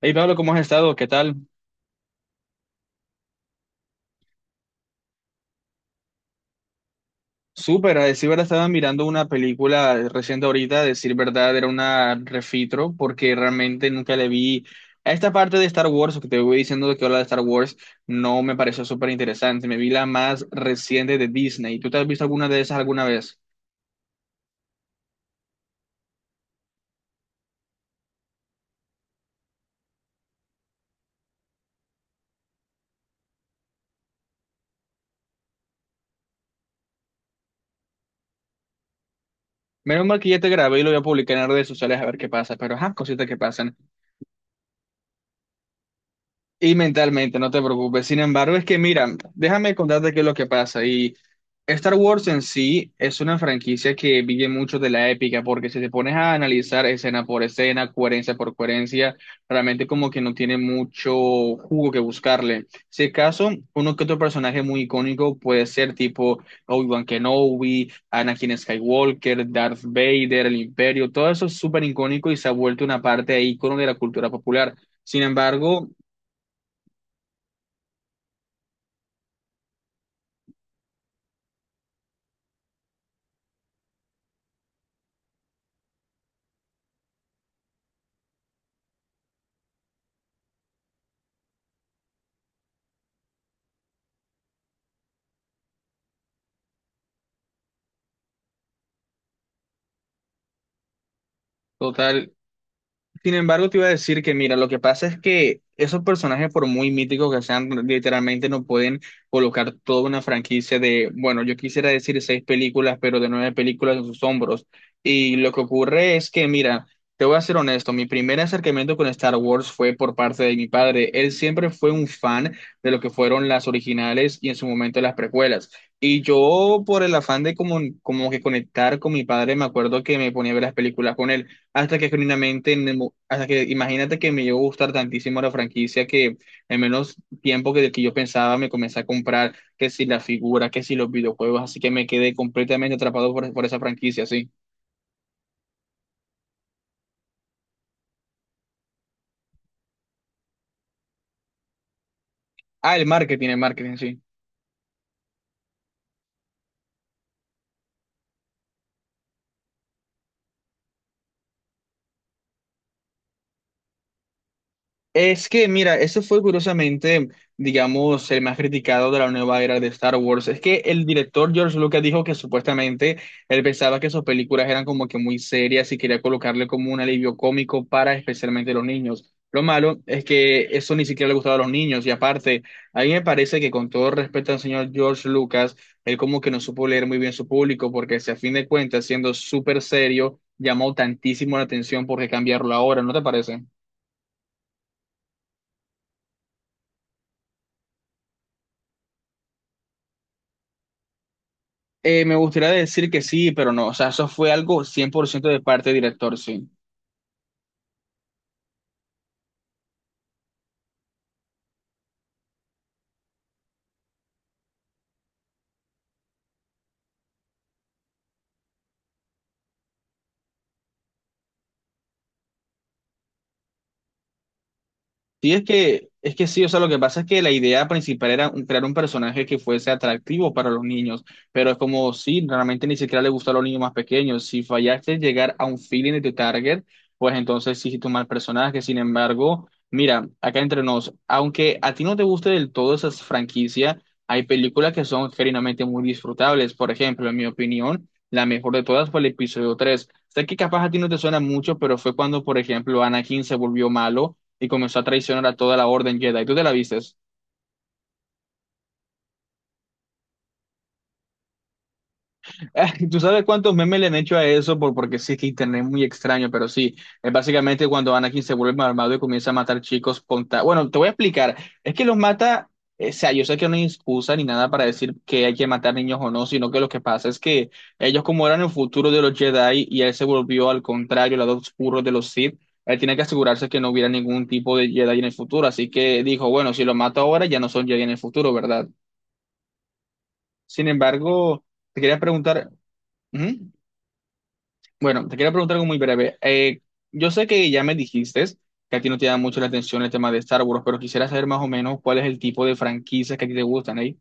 Hey Pablo, ¿cómo has estado? ¿Qué tal? Súper, a decir verdad, estaba mirando una película reciente ahorita, a decir verdad, era una refitro, porque realmente nunca le vi a esta parte de Star Wars, o que te voy diciendo de que habla de Star Wars, no me pareció súper interesante. Me vi la más reciente de Disney. ¿Tú te has visto alguna de esas alguna vez? Menos mal que ya te grabé y lo voy a publicar en las redes sociales a ver qué pasa, pero ajá, cositas que pasan. Y mentalmente, no te preocupes. Sin embargo, es que mira, déjame contarte qué es lo que pasa. Y Star Wars en sí es una franquicia que vive mucho de la épica, porque si te pones a analizar escena por escena, coherencia por coherencia, realmente como que no tiene mucho jugo que buscarle. Si acaso, uno que otro personaje muy icónico puede ser tipo Obi-Wan Kenobi, Anakin Skywalker, Darth Vader, el Imperio, todo eso es súper icónico y se ha vuelto una parte de icono de la cultura popular. Sin embargo, total. Sin embargo, te iba a decir que, mira, lo que pasa es que esos personajes, por muy míticos que sean, literalmente no pueden colocar toda una franquicia de, bueno, yo quisiera decir seis películas, pero de nueve películas en sus hombros. Y lo que ocurre es que, mira, te voy a ser honesto, mi primer acercamiento con Star Wars fue por parte de mi padre. Él siempre fue un fan de lo que fueron las originales y en su momento las precuelas. Y yo, por el afán de como, como que conectar con mi padre, me acuerdo que me ponía a ver las películas con él hasta que genuinamente, hasta que imagínate que me llegó a gustar tantísimo la franquicia que en menos tiempo que yo pensaba me comencé a comprar que si la figura, que si los videojuegos, así que me quedé completamente atrapado por esa franquicia, sí. Ah, el marketing, sí. Es que, mira, ese fue curiosamente, digamos, el más criticado de la nueva era de Star Wars. Es que el director George Lucas dijo que supuestamente él pensaba que sus películas eran como que muy serias y quería colocarle como un alivio cómico para especialmente los niños. Lo malo es que eso ni siquiera le gustaba a los niños. Y aparte, a mí me parece que con todo respeto al señor George Lucas, él como que no supo leer muy bien su público, porque si a fin de cuentas, siendo súper serio, llamó tantísimo la atención porque cambiarlo ahora, ¿no te parece? Me gustaría decir que sí, pero no, o sea, eso fue algo cien por ciento de parte del director, sí. Sí, es que sí, o sea, lo que pasa es que la idea principal era crear un personaje que fuese atractivo para los niños, pero es como si realmente ni siquiera le gusta a los niños más pequeños. Si fallaste en llegar a un feeling de tu target, pues entonces sí hiciste un mal personaje. Sin embargo, mira, acá entre nos, aunque a ti no te guste del todo esa franquicia, hay películas que son genuinamente muy disfrutables. Por ejemplo, en mi opinión, la mejor de todas fue el episodio tres. Sé que capaz a ti no te suena mucho, pero fue cuando, por ejemplo, Anakin se volvió malo y comenzó a traicionar a toda la Orden Jedi. ¿Tú te la vistes? ¿Tú sabes cuántos memes le han hecho a eso? Por, porque sí, es que internet es muy extraño, pero sí, es básicamente cuando Anakin se vuelve malvado y comienza a matar chicos bueno, te voy a explicar. Es que los mata, o sea, yo sé que no hay excusa ni nada para decir que hay que matar niños o no, sino que lo que pasa es que ellos como eran el futuro de los Jedi y él se volvió al contrario, el lado oscuro de los Sith. Él tiene que asegurarse que no hubiera ningún tipo de Jedi en el futuro, así que dijo, bueno, si lo mato ahora ya no son Jedi en el futuro, ¿verdad? Sin embargo, te quería preguntar, ujú. Bueno, te quería preguntar algo muy breve. Yo sé que ya me dijiste que a ti no te da mucho la atención el tema de Star Wars, pero quisiera saber más o menos cuál es el tipo de franquicias que a ti te gustan, ¿eh?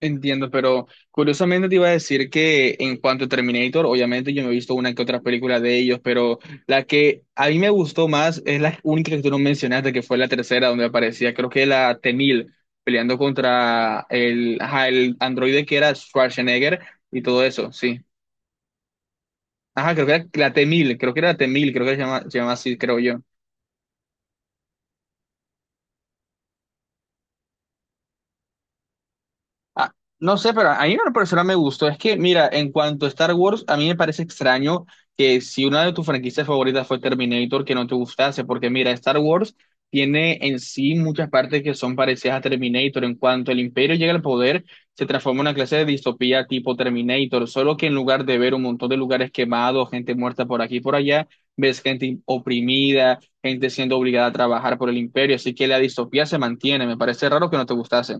Entiendo, pero curiosamente te iba a decir que en cuanto a Terminator, obviamente yo me he visto una que otra película de ellos, pero la que a mí me gustó más es la única que tú no mencionaste, que fue la tercera, donde aparecía, creo que la T-1000, peleando contra el, ajá, el androide que era Schwarzenegger y todo eso, sí. Ajá, creo que era la T-1000, creo que era la T-1000, creo que se llama así, creo yo. Ah, no sé, pero a mí una persona me gustó. Es que, mira, en cuanto a Star Wars, a mí me parece extraño que si una de tus franquicias favoritas fue Terminator, que no te gustase, porque mira, Star Wars tiene en sí muchas partes que son parecidas a Terminator. En cuanto el imperio llega al poder, se transforma en una clase de distopía tipo Terminator, solo que en lugar de ver un montón de lugares quemados, gente muerta por aquí y por allá, ves gente oprimida, gente siendo obligada a trabajar por el imperio, así que la distopía se mantiene. Me parece raro que no te gustase.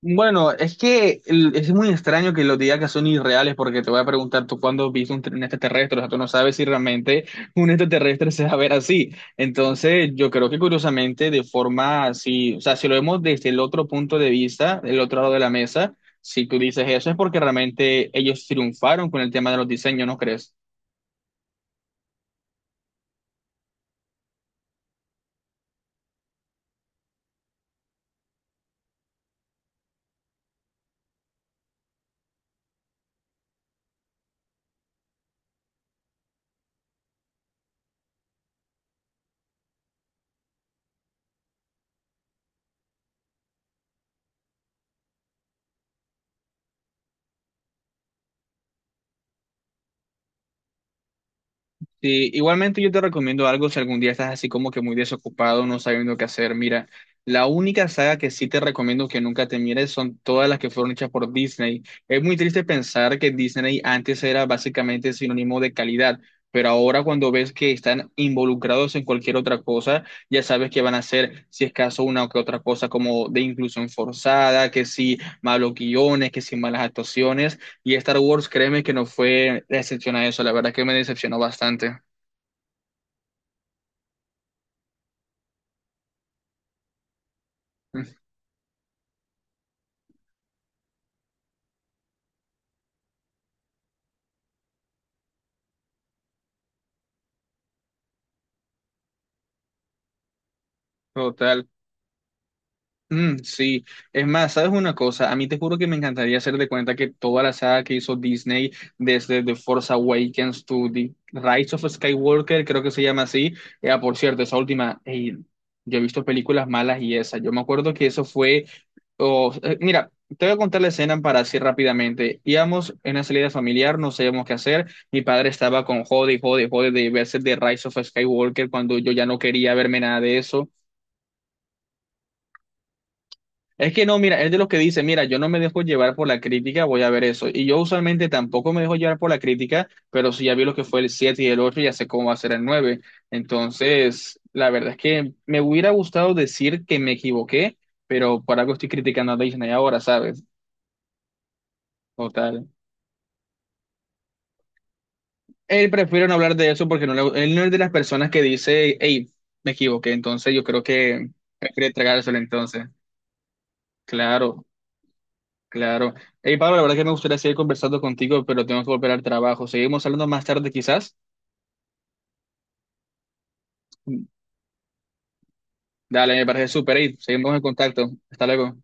Bueno, es que es muy extraño que los digas que son irreales porque te voy a preguntar tú cuándo viste un extraterrestre, o sea, tú no sabes si realmente un extraterrestre se va a ver así. Entonces, yo creo que curiosamente, de forma así, o sea, si lo vemos desde el otro punto de vista, el otro lado de la mesa, si tú dices eso es porque realmente ellos triunfaron con el tema de los diseños, ¿no crees? Sí, igualmente yo te recomiendo algo si algún día estás así como que muy desocupado, no sabiendo qué hacer. Mira, la única saga que sí te recomiendo que nunca te mires son todas las que fueron hechas por Disney. Es muy triste pensar que Disney antes era básicamente sinónimo de calidad, pero ahora cuando ves que están involucrados en cualquier otra cosa, ya sabes que van a hacer, si es caso, una o que otra cosa como de inclusión forzada, que si malos guiones, que si malas actuaciones. Y Star Wars, créeme que no fue excepción a eso, la verdad que me decepcionó bastante. Total. Sí, es más, ¿sabes una cosa? A mí te juro que me encantaría hacer de cuenta que toda la saga que hizo Disney, desde The Force Awakens to The Rise of Skywalker, creo que se llama así. Por cierto, esa última, ey, yo he visto películas malas y esa. Yo me acuerdo que eso fue. Mira, te voy a contar la escena para así rápidamente. Íbamos en una salida familiar, no sabíamos qué hacer. Mi padre estaba con jode, y jode, y jode de verse The Rise of Skywalker cuando yo ya no quería verme nada de eso. Es que no, mira, es de los que dice, mira, yo no me dejo llevar por la crítica, voy a ver eso. Y yo usualmente tampoco me dejo llevar por la crítica, pero si ya vi lo que fue el 7 y el 8, ya sé cómo va a ser el 9. Entonces, la verdad es que me hubiera gustado decir que me equivoqué, pero por algo estoy criticando a Disney ahora, ¿sabes? Total. Él prefiere no hablar de eso porque él no es de las personas que dice, hey, me equivoqué. Entonces, yo creo que prefiere tragárselo entonces. Claro. Claro. Hey, Pablo, la verdad que me gustaría seguir conversando contigo, pero tengo que volver al trabajo. Seguimos hablando más tarde, quizás. Dale, me parece súper. Hey, seguimos en contacto. Hasta luego.